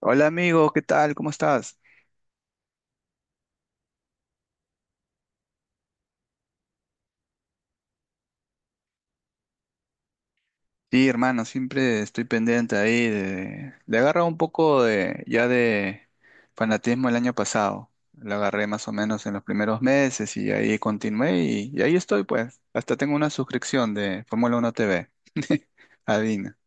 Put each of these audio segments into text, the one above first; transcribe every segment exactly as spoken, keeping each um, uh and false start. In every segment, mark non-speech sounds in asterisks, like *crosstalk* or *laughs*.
Hola amigo, ¿qué tal? ¿Cómo estás? Sí, hermano, siempre estoy pendiente ahí de... Le agarra un poco de ya de fanatismo el año pasado. Lo agarré más o menos en los primeros meses y ahí continué y, y ahí estoy pues. Hasta tengo una suscripción de Fórmula uno T V. *laughs* Adivina.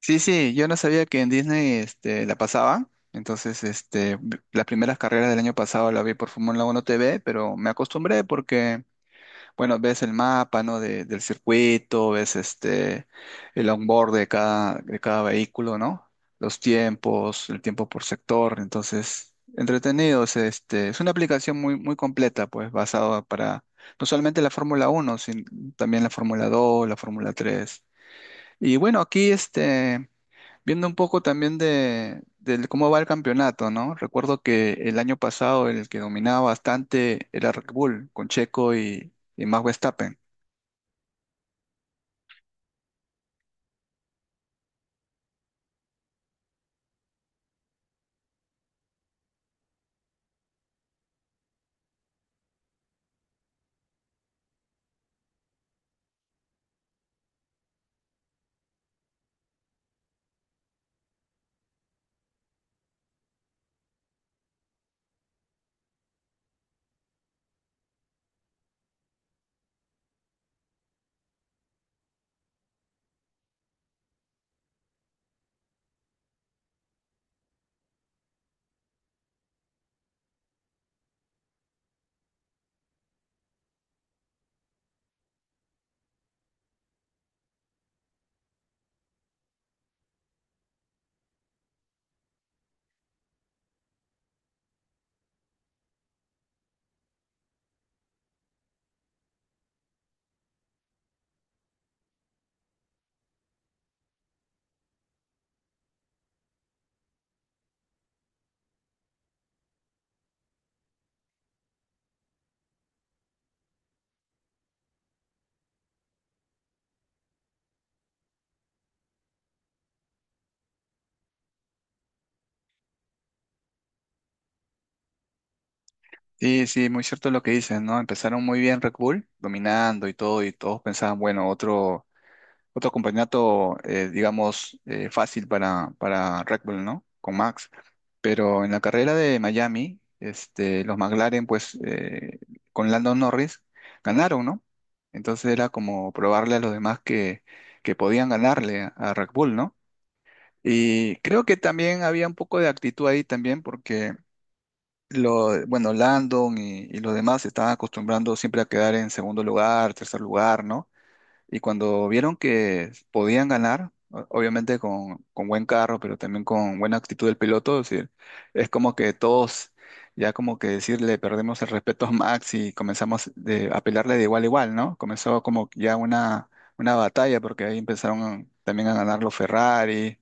Sí, sí, yo no sabía que en Disney este, la pasaba. Entonces, este, las primeras carreras del año pasado la vi por Fórmula uno T V, pero me acostumbré porque bueno, ves el mapa, ¿no? de- del circuito, ves este, el onboard de cada, de cada vehículo, ¿no? Los tiempos, el tiempo por sector. Entonces, entretenido. Es, este, es una aplicación muy, muy completa, pues, basada para no solamente la Fórmula Uno sino también la Fórmula Dos, la Fórmula Tres. Y bueno, aquí, este, viendo un poco también de, del cómo va el campeonato, ¿no? Recuerdo que el año pasado el que dominaba bastante era Red Bull, con Checo y, y Max Verstappen. Sí, sí, muy cierto lo que dices, ¿no? Empezaron muy bien Red Bull, dominando y todo, y todos pensaban, bueno, otro, otro campeonato, eh, digamos, eh, fácil para, para Red Bull, ¿no? Con Max. Pero en la carrera de Miami, este, los McLaren, pues, eh, con Lando Norris, ganaron, ¿no? Entonces era como probarle a los demás que, que podían ganarle a Red Bull, ¿no? Y creo que también había un poco de actitud ahí también, porque lo, bueno, Landon y, y los demás se estaban acostumbrando siempre a quedar en segundo lugar, tercer lugar, ¿no? Y cuando vieron que podían ganar, o- obviamente con, con buen carro, pero también con buena actitud del piloto, es decir, es como que todos ya como que decirle perdemos el respeto a Max y comenzamos de, a pelearle de igual a igual, ¿no? Comenzó como ya una, una batalla porque ahí empezaron también a ganar los Ferrari,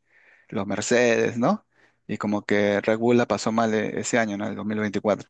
los Mercedes, ¿no? Y como que Red Bull la pasó mal eh, ese año, ¿no? El dos mil veinticuatro.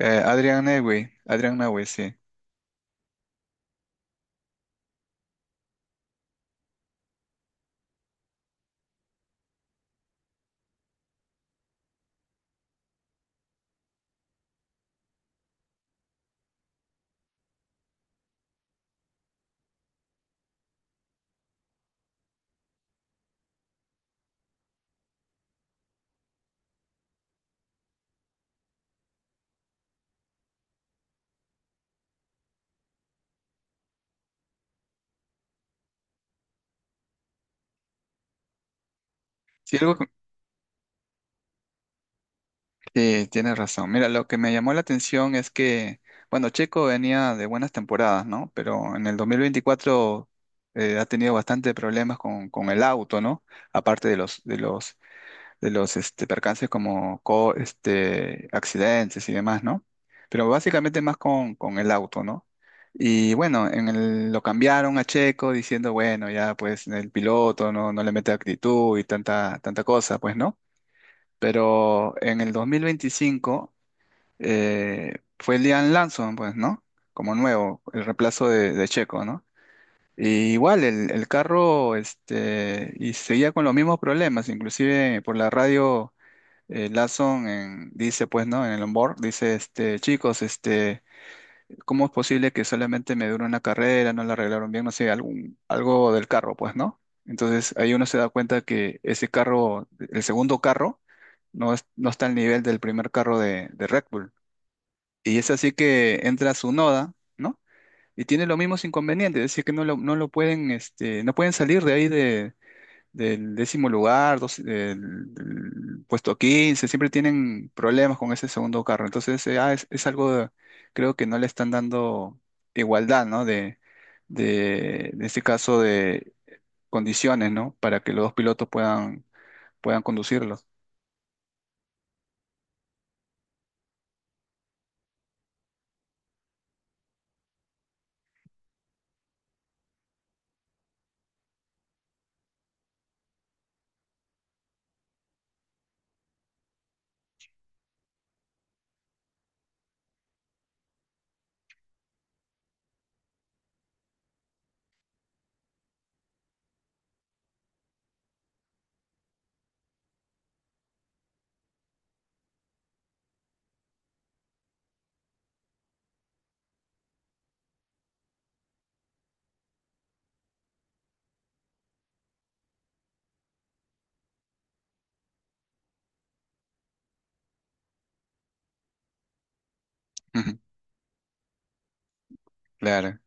Eh, Adrian Newey, Adrian Newey, sí. Sí, algo. Sí, tienes razón. Mira, lo que me llamó la atención es que, bueno, Checo venía de buenas temporadas, ¿no? Pero en el dos mil veinticuatro eh, ha tenido bastante problemas con, con el auto, ¿no? Aparte de los, de los, de los este, percances como co- este, accidentes y demás, ¿no? Pero básicamente más con, con el auto, ¿no? Y bueno, en el- lo cambiaron a Checo diciendo, bueno, ya pues el piloto no, no le mete actitud y tanta, tanta cosa, pues, ¿no? Pero en el dos mil veinticinco eh, fue Liam Lawson, pues, ¿no? Como nuevo, el reemplazo de, de Checo, ¿no? Y igual el, el carro, este, y seguía con los mismos problemas, inclusive por la radio, eh, Lawson en- dice, pues, ¿no? En el onboard, dice, este, chicos, este, ¿cómo es posible que solamente me dure una carrera, no la arreglaron bien, no sé, algún, algo del carro, pues, ¿no? Entonces ahí uno se da cuenta que ese carro, el segundo carro, no, es- no está al nivel del primer carro de de Red Bull. Y es así que entra su noda, ¿no? Y tiene los mismos inconvenientes, es decir, que no lo, no lo pueden, este, no pueden salir de ahí de- del décimo lugar, dos- del, del puesto quince, siempre tienen problemas con ese segundo carro. Entonces, eh, ah, es, es algo, de- creo que no le están dando igualdad, ¿no? De, de, en este caso, de condiciones, ¿no? Para que los dos pilotos puedan, puedan conducirlos. *laughs* Ujú. Claro.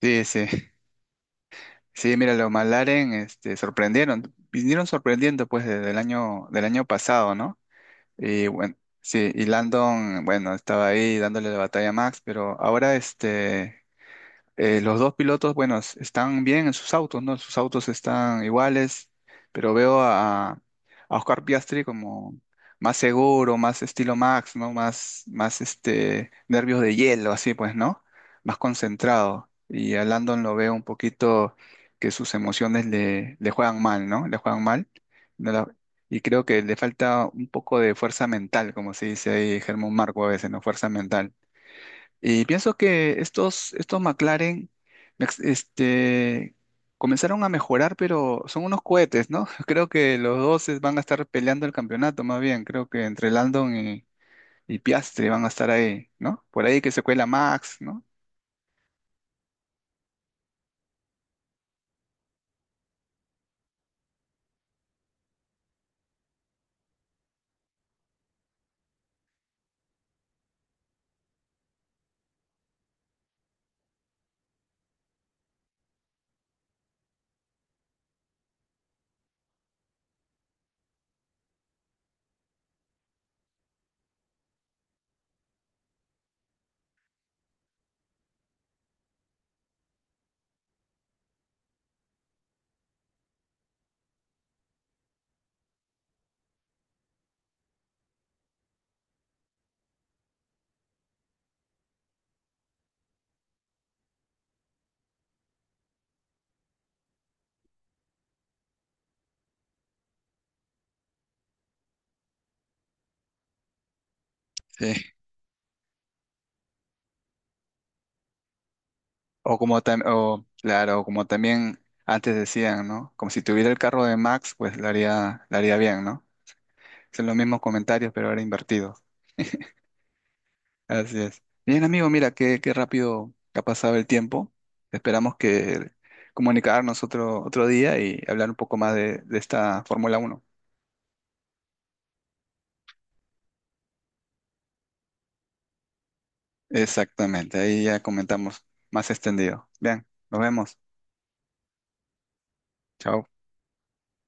Sí, sí. Sí, mira, los Malaren, este, sorprendieron, vinieron sorprendiendo pues desde el año, del año pasado, ¿no? Y bueno, sí, y Landon, bueno, estaba ahí dándole la batalla a Max, pero ahora este, eh, los dos pilotos, bueno, es- están bien en sus autos, ¿no? Sus autos están iguales, pero veo a, a Oscar Piastri como más seguro, más estilo Max, ¿no? Más, más este, nervios de hielo, así pues, ¿no? Más concentrado. Y a Landon lo veo un poquito que sus emociones le, le juegan mal, ¿no? Le juegan mal. No. La- y creo que le falta un poco de fuerza mental, como se dice ahí Germán Marco a veces, ¿no? Fuerza mental. Y pienso que estos, estos McLaren mex- este, comenzaron a mejorar, pero son unos cohetes, ¿no? *laughs* Creo que los dos es- van a estar peleando el campeonato, más bien. Creo que entre Landon y, y Piastri van a estar ahí, ¿no? Por ahí que se cuela Max, ¿no? Sí. O como, tam- o, claro, como también antes decían, ¿no? Como si tuviera el carro de Max, pues lo haría, lo haría bien, ¿no? Son los mismos comentarios, pero ahora invertidos. Así es. Bien, amigo, mira qué, qué rápido que ha pasado el tiempo. Esperamos que comunicarnos otro, otro día y hablar un poco más de, de esta Fórmula Uno. Exactamente, ahí ya comentamos más extendido. Bien, nos vemos. Chao.